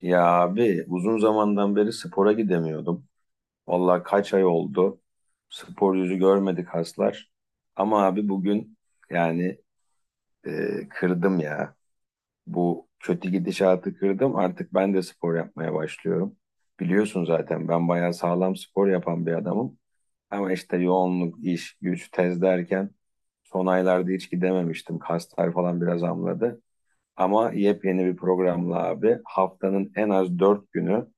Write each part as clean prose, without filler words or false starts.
Ya abi uzun zamandan beri spora gidemiyordum. Vallahi kaç ay oldu. Spor yüzü görmedik haslar. Ama abi bugün yani kırdım ya. Bu kötü gidişatı kırdım. Artık ben de spor yapmaya başlıyorum. Biliyorsun zaten ben bayağı sağlam spor yapan bir adamım. Ama işte yoğunluk, iş, güç, tez derken son aylarda hiç gidememiştim. Kaslar falan biraz amladı. Ama yepyeni bir programla abi haftanın en az 4 günü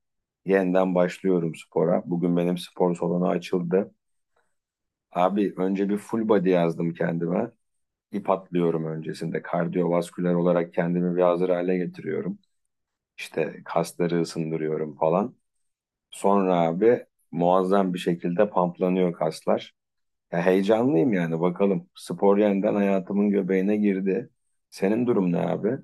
yeniden başlıyorum spora. Bugün benim spor salonu açıldı. Abi önce bir full body yazdım kendime. İp atlıyorum öncesinde. Kardiyovasküler olarak kendimi bir hazır hale getiriyorum. İşte kasları ısındırıyorum falan. Sonra abi muazzam bir şekilde pamplanıyor kaslar. Ya heyecanlıyım yani bakalım. Spor yeniden hayatımın göbeğine girdi. Senin durum ne abi?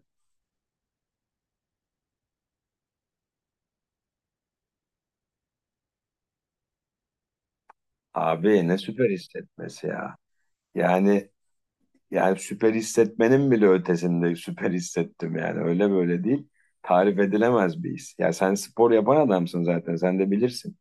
Abi ne süper hissetmesi ya. Yani Yani süper hissetmenin bile ötesinde süper hissettim yani. Öyle böyle değil. Tarif edilemez bir his. Ya sen spor yapan adamsın zaten. Sen de bilirsin.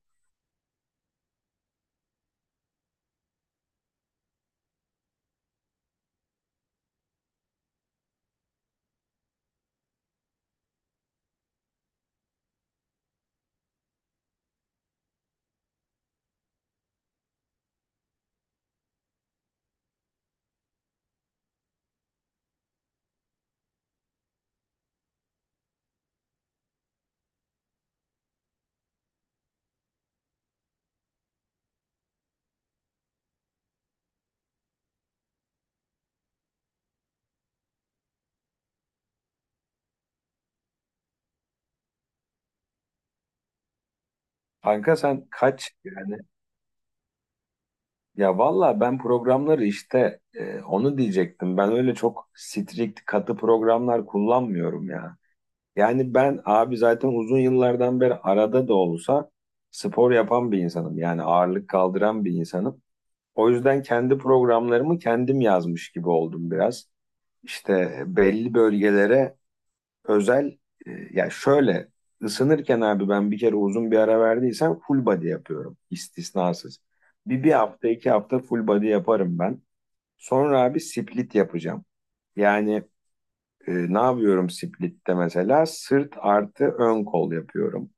Kanka sen kaç yani? Ya valla ben programları işte onu diyecektim. Ben öyle çok strict katı programlar kullanmıyorum ya. Yani ben abi zaten uzun yıllardan beri arada da olsa spor yapan bir insanım. Yani ağırlık kaldıran bir insanım. O yüzden kendi programlarımı kendim yazmış gibi oldum biraz. İşte belli bölgelere özel ya şöyle ısınırken abi ben bir kere uzun bir ara verdiysem full body yapıyorum istisnasız. Bir hafta 2 hafta full body yaparım ben. Sonra abi split yapacağım. Yani ne yapıyorum splitte mesela? Sırt artı ön kol yapıyorum.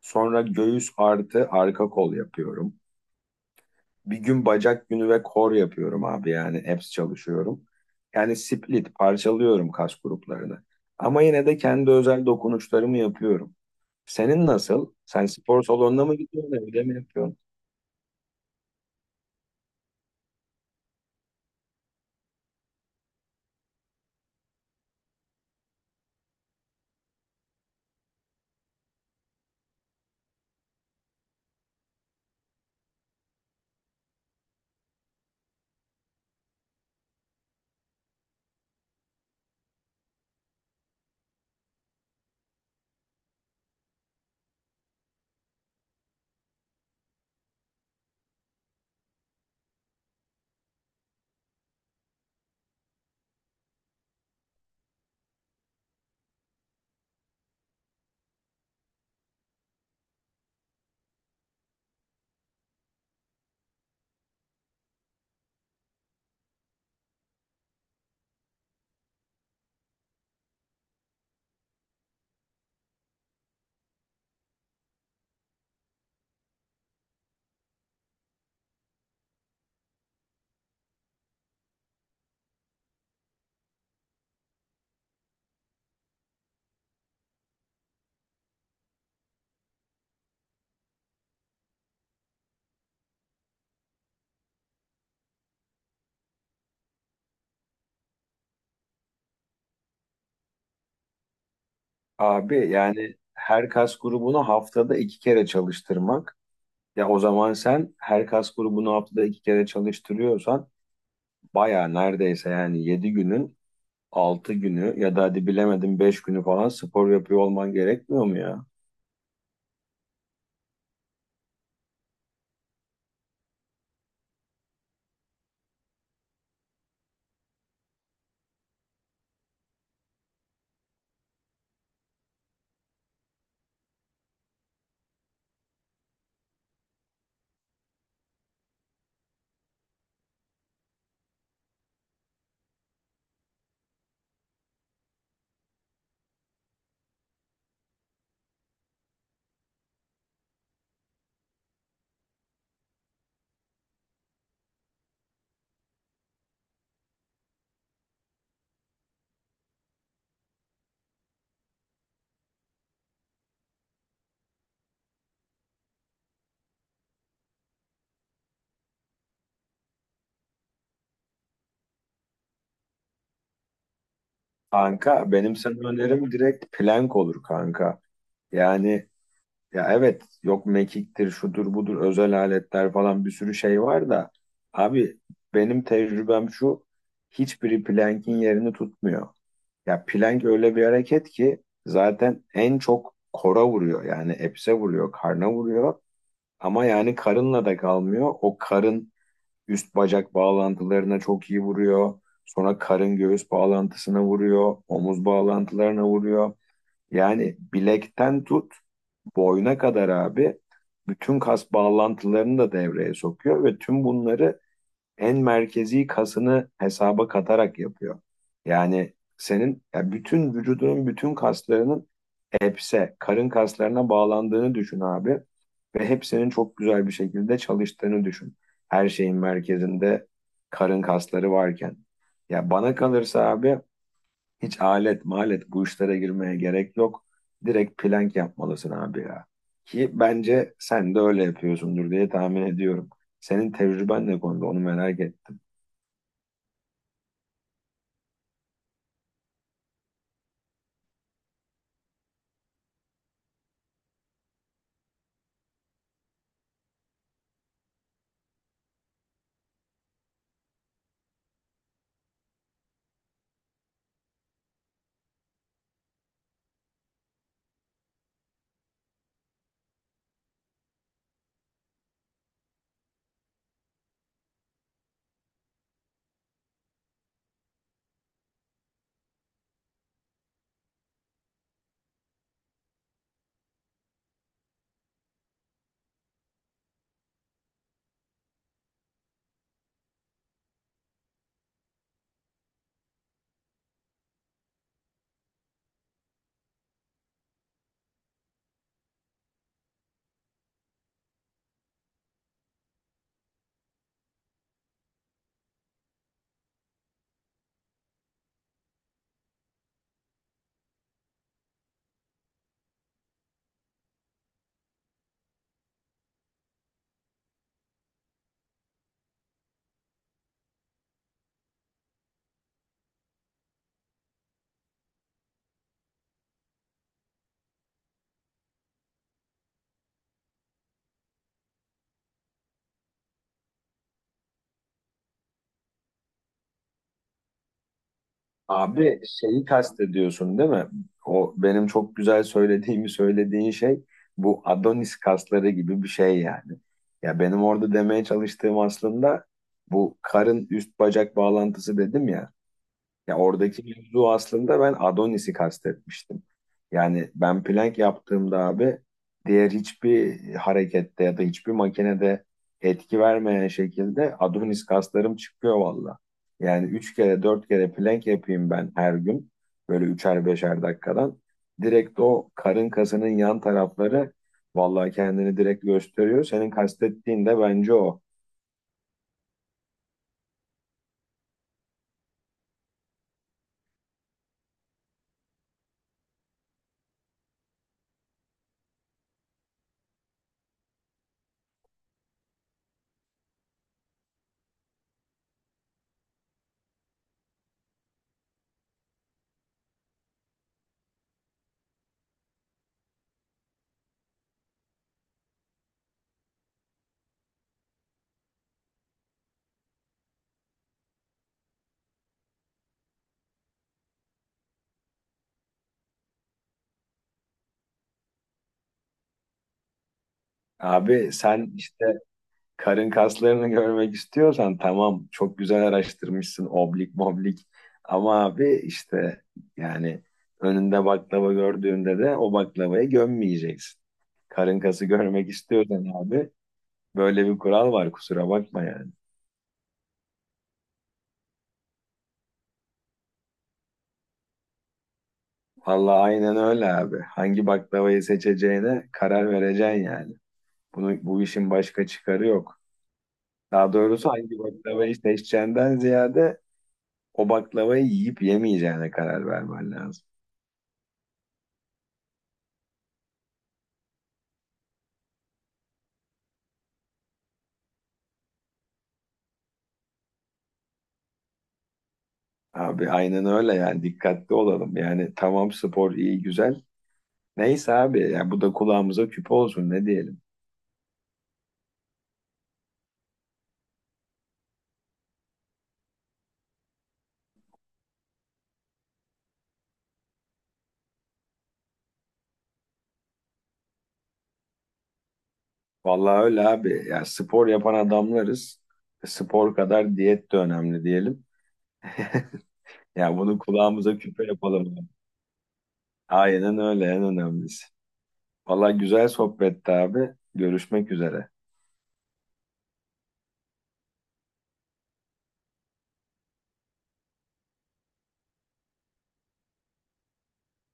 Sonra göğüs artı arka kol yapıyorum. Bir gün bacak günü ve kor yapıyorum abi yani abs çalışıyorum. Yani split parçalıyorum kas gruplarını. Ama yine de kendi özel dokunuşlarımı yapıyorum. Senin nasıl? Sen spor salonuna mı gidiyorsun, evde mi yapıyorsun? Abi yani her kas grubunu haftada 2 kere çalıştırmak. Ya o zaman sen her kas grubunu haftada iki kere çalıştırıyorsan baya neredeyse yani 7 günün 6 günü ya da hadi bilemedim 5 günü falan spor yapıyor olman gerekmiyor mu ya? Kanka benim sana önerim direkt plank olur kanka. Yani ya evet yok mekiktir şudur budur özel aletler falan bir sürü şey var da abi benim tecrübem şu, hiçbiri plank'in yerini tutmuyor. Ya plank öyle bir hareket ki zaten en çok kora vuruyor yani epse vuruyor karna vuruyor ama yani karınla da kalmıyor, o karın üst bacak bağlantılarına çok iyi vuruyor. Sonra karın göğüs bağlantısına vuruyor. Omuz bağlantılarına vuruyor. Yani bilekten tut boyuna kadar abi bütün kas bağlantılarını da devreye sokuyor ve tüm bunları en merkezi kasını hesaba katarak yapıyor. Yani senin ya bütün vücudunun bütün kaslarının hepse karın kaslarına bağlandığını düşün abi ve hepsinin çok güzel bir şekilde çalıştığını düşün. Her şeyin merkezinde karın kasları varken. Ya bana kalırsa abi hiç alet malet bu işlere girmeye gerek yok. Direkt plank yapmalısın abi ya. Ki bence sen de öyle yapıyorsundur diye tahmin ediyorum. Senin tecrüben ne konuda onu merak ettim. Abi şeyi kastediyorsun değil mi? O benim çok güzel söylediğimi söylediğin şey bu Adonis kasları gibi bir şey yani. Ya benim orada demeye çalıştığım aslında bu karın üst bacak bağlantısı dedim ya. Ya oradaki mevzu aslında ben Adonis'i kastetmiştim. Yani ben plank yaptığımda abi diğer hiçbir harekette ya da hiçbir makinede etki vermeyen şekilde Adonis kaslarım çıkıyor valla. Yani 3 kere 4 kere plank yapayım ben her gün böyle üçer beşer dakikadan. Direkt o karın kasının yan tarafları valla kendini direkt gösteriyor. Senin kastettiğin de bence o. Abi sen işte karın kaslarını görmek istiyorsan tamam çok güzel araştırmışsın oblik moblik ama abi işte yani önünde baklava gördüğünde de o baklavayı gömmeyeceksin. Karın kası görmek istiyorsan abi böyle bir kural var, kusura bakma yani. Vallahi aynen öyle abi. Hangi baklavayı seçeceğine karar vereceksin yani. Bunu, bu işin başka çıkarı yok. Daha doğrusu hangi baklavayı seçeceğinden ziyade o baklavayı yiyip yemeyeceğine karar vermen lazım. Abi aynen öyle yani dikkatli olalım. Yani tamam spor iyi güzel. Neyse abi ya bu da kulağımıza küpe olsun ne diyelim. Vallahi öyle abi. Ya spor yapan adamlarız. Spor kadar diyet de önemli diyelim. Ya bunu kulağımıza küpe yapalım. Aynen öyle en önemlisi. Vallahi güzel sohbetti abi. Görüşmek üzere.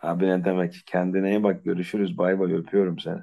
Abi ne demek? Kendine iyi bak. Görüşürüz. Bay bay öpüyorum seni.